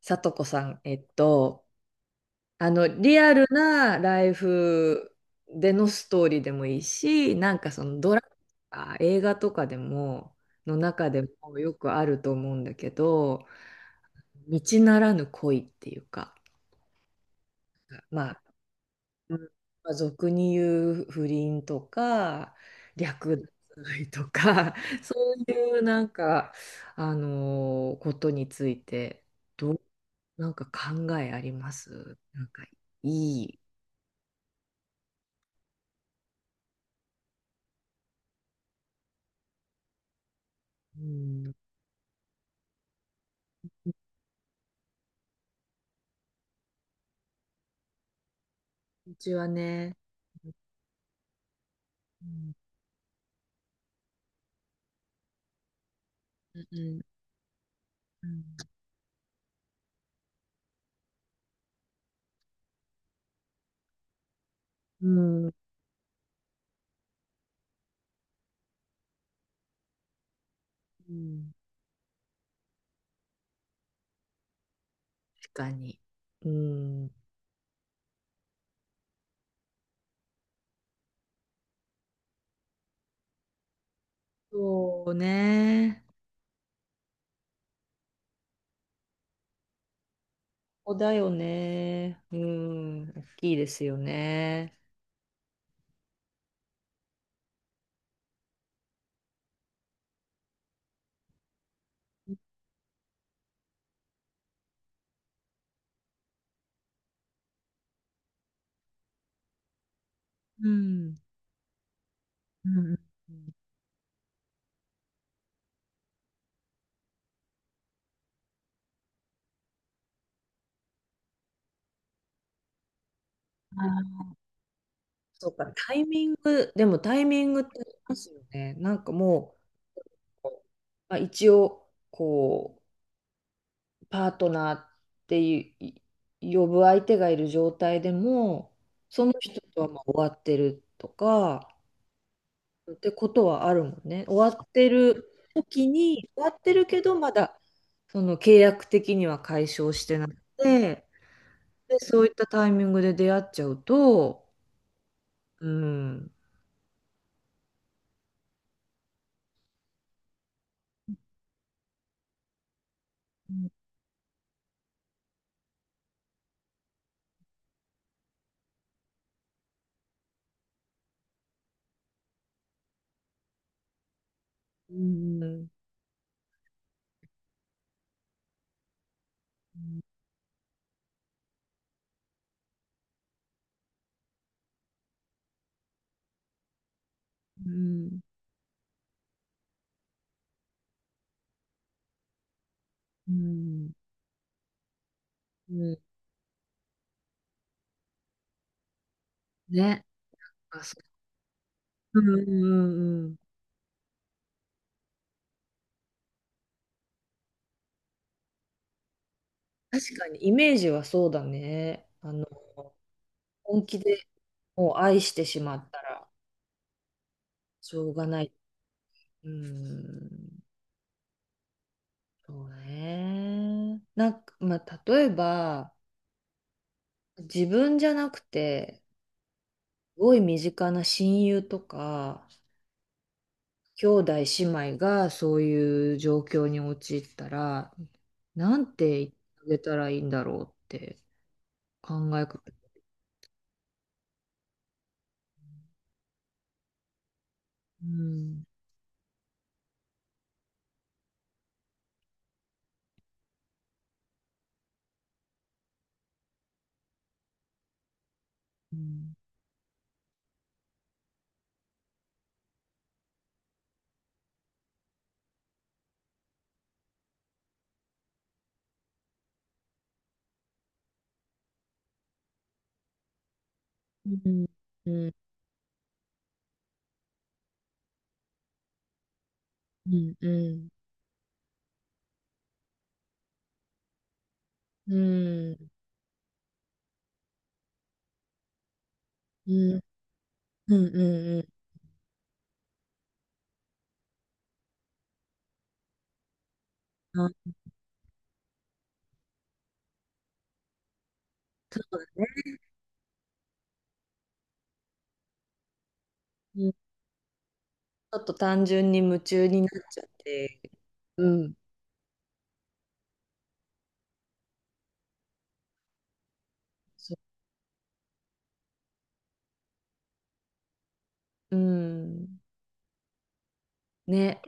さとこさん、リアルなライフでのストーリーでもいいし、なんかそのドラマとか映画とかでも、の中でもよくあると思うんだけど、道ならぬ恋っていうか、まあ、うん、まあ、俗に言う不倫とか略奪愛とか そういうなんかことについてどう、なんか考えあります、なんかいい、うん、うちはね。うん、うん、うん、うん、うん、確かに。うん、そうね、ここだよね。うん、大きいですよね。うん、うん、うん、うん。あー、そうか、タイミング、でもタイミングってありますよね。なんかもう、まあ、一応、こう、パートナーっていう、呼ぶ相手がいる状態でも、その人とはまあ終わってるとか、ってことはあるもんね。終わってる時に、終わってるけど、まだ、その契約的には解消してなくて、で、そういったタイミングで出会っちゃうと、うん、うん、うん、うん、うん、うん、ね。あ、そう、うん、うん、うん。確かに、イメージはそうだね。あの、本気でもう愛してしまったら、しょうがない。うん、そうね。なんか、まあ、例えば、自分じゃなくて、すごい身近な親友とか、兄弟姉妹がそういう状況に陥ったら、なんて言ってあげたらいいんだろうって。考え方。うん、うん、うん、うん、うん、うん、うん、うん、うん、うん。なんかね、うん、ちょっと単純に夢中になっちゃって、うん。そう、うん、ね、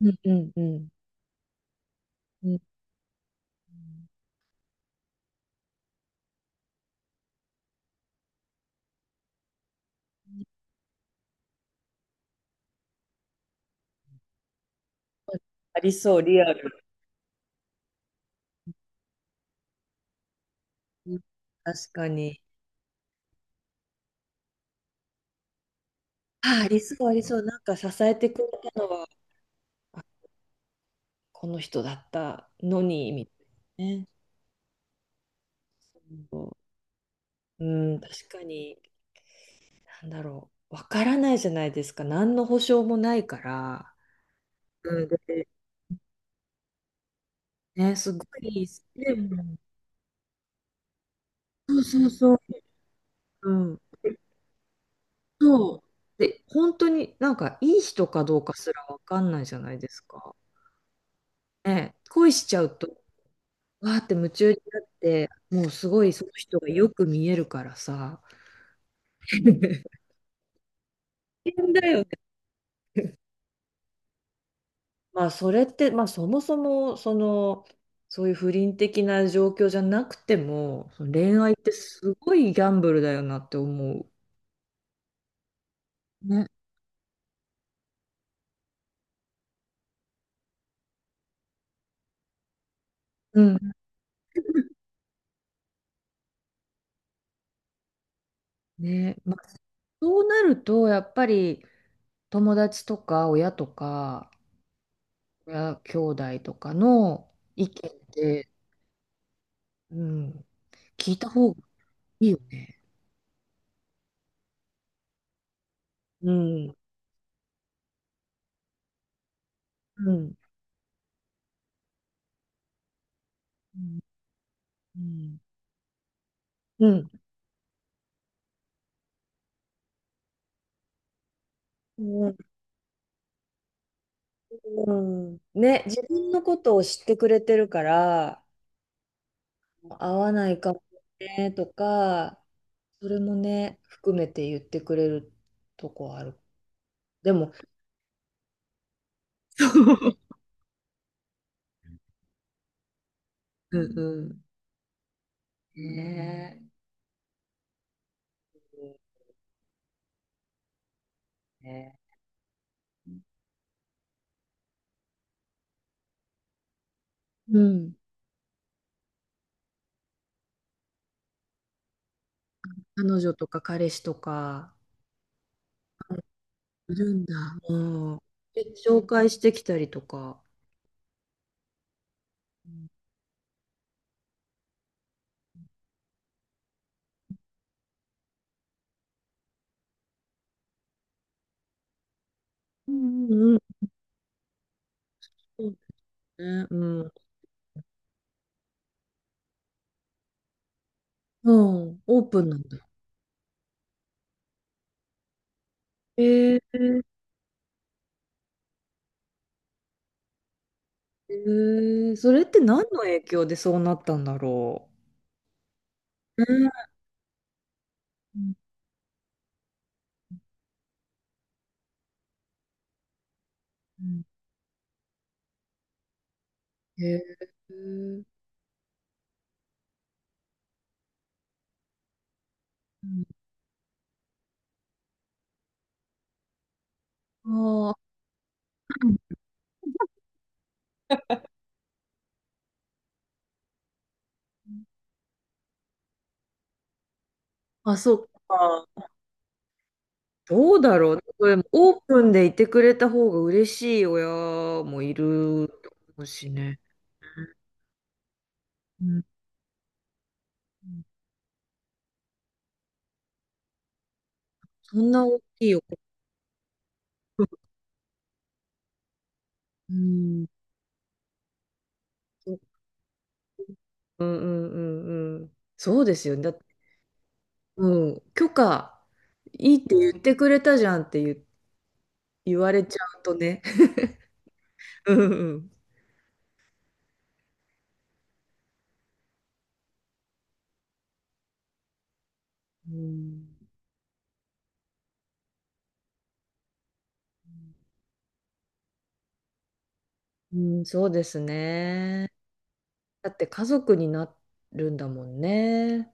うん、うん、うん、うん。ありそう、リアル。うん、確かに。あ、ありそう、ありそう。なんか支えてくれたのは、あ、この人だったのに、みたいなね。そう、うん、確かに。なんだろう、わからないじゃないですか。何の保証もないから。うん、で、ね、すごい。でも、そう、そう、そう、うん。そう、で、本当になんかいい人かどうかすらわかんないじゃないですか。ね、恋しちゃうと、わーって夢中になって、もうすごいその人がよく見えるからさ。変だよね。まあそれって、まあそもそも、その、そういう不倫的な状況じゃなくても、その恋愛ってすごいギャンブルだよなって思う。ね。うん。ね。まあ、そうなると、やっぱり友達とか親とか、親兄弟とかの意見って、うん、聞いた方がいいよね。うん、うん、うん、うん、うん。うん。ね、自分のことを知ってくれてるから、合わないかもねとか、それもね、含めて言ってくれるとこある。でも、うん、うん。ねえ、ね、うん。彼女とか彼氏とか、いるんだ。うん。で紹介してきたりとか。うん、うん、うん。そうだね。うん、うん。オープンなんだ。え、ええー。それって何の影響でそうなったんだろう。ん、うん。うん。へえー。うん。ああ、あ、そっか。どうだろうね。これオープンでいてくれた方が嬉しい親もいると思うしね。うん。そんな大きいお子。うん。そうん、うん、うん、うん。そうですよね。だって、うん、許可、いいって言ってくれたじゃんって言われちゃうとね。うん、うん。うん、うん、そうですね。だって家族になるんだもんね。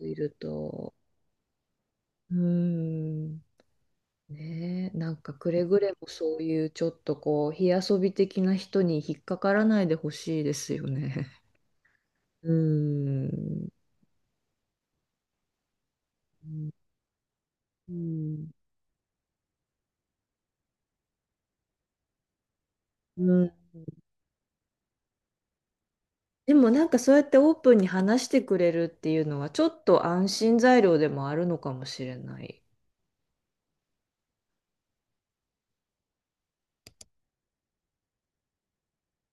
いると。うーん。ねえ、なんかくれぐれもそういうちょっとこう、火遊び的な人に引っかからないでほしいですよね。うーん。うん、うん。でもなんかそうやってオープンに話してくれるっていうのはちょっと安心材料でもあるのかもしれない。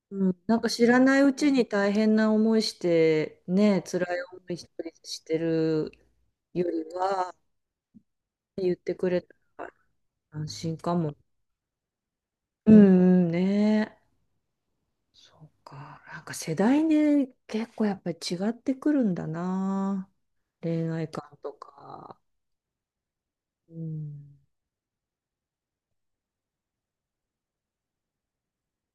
うん。なんか知らないうちに大変な思いして、ね、辛い思い一人してるよりは、言ってくれたら安心かも。うん、うん、ねえ。そうか。なんか世代で結構やっぱり違ってくるんだな。恋愛観とか。うん。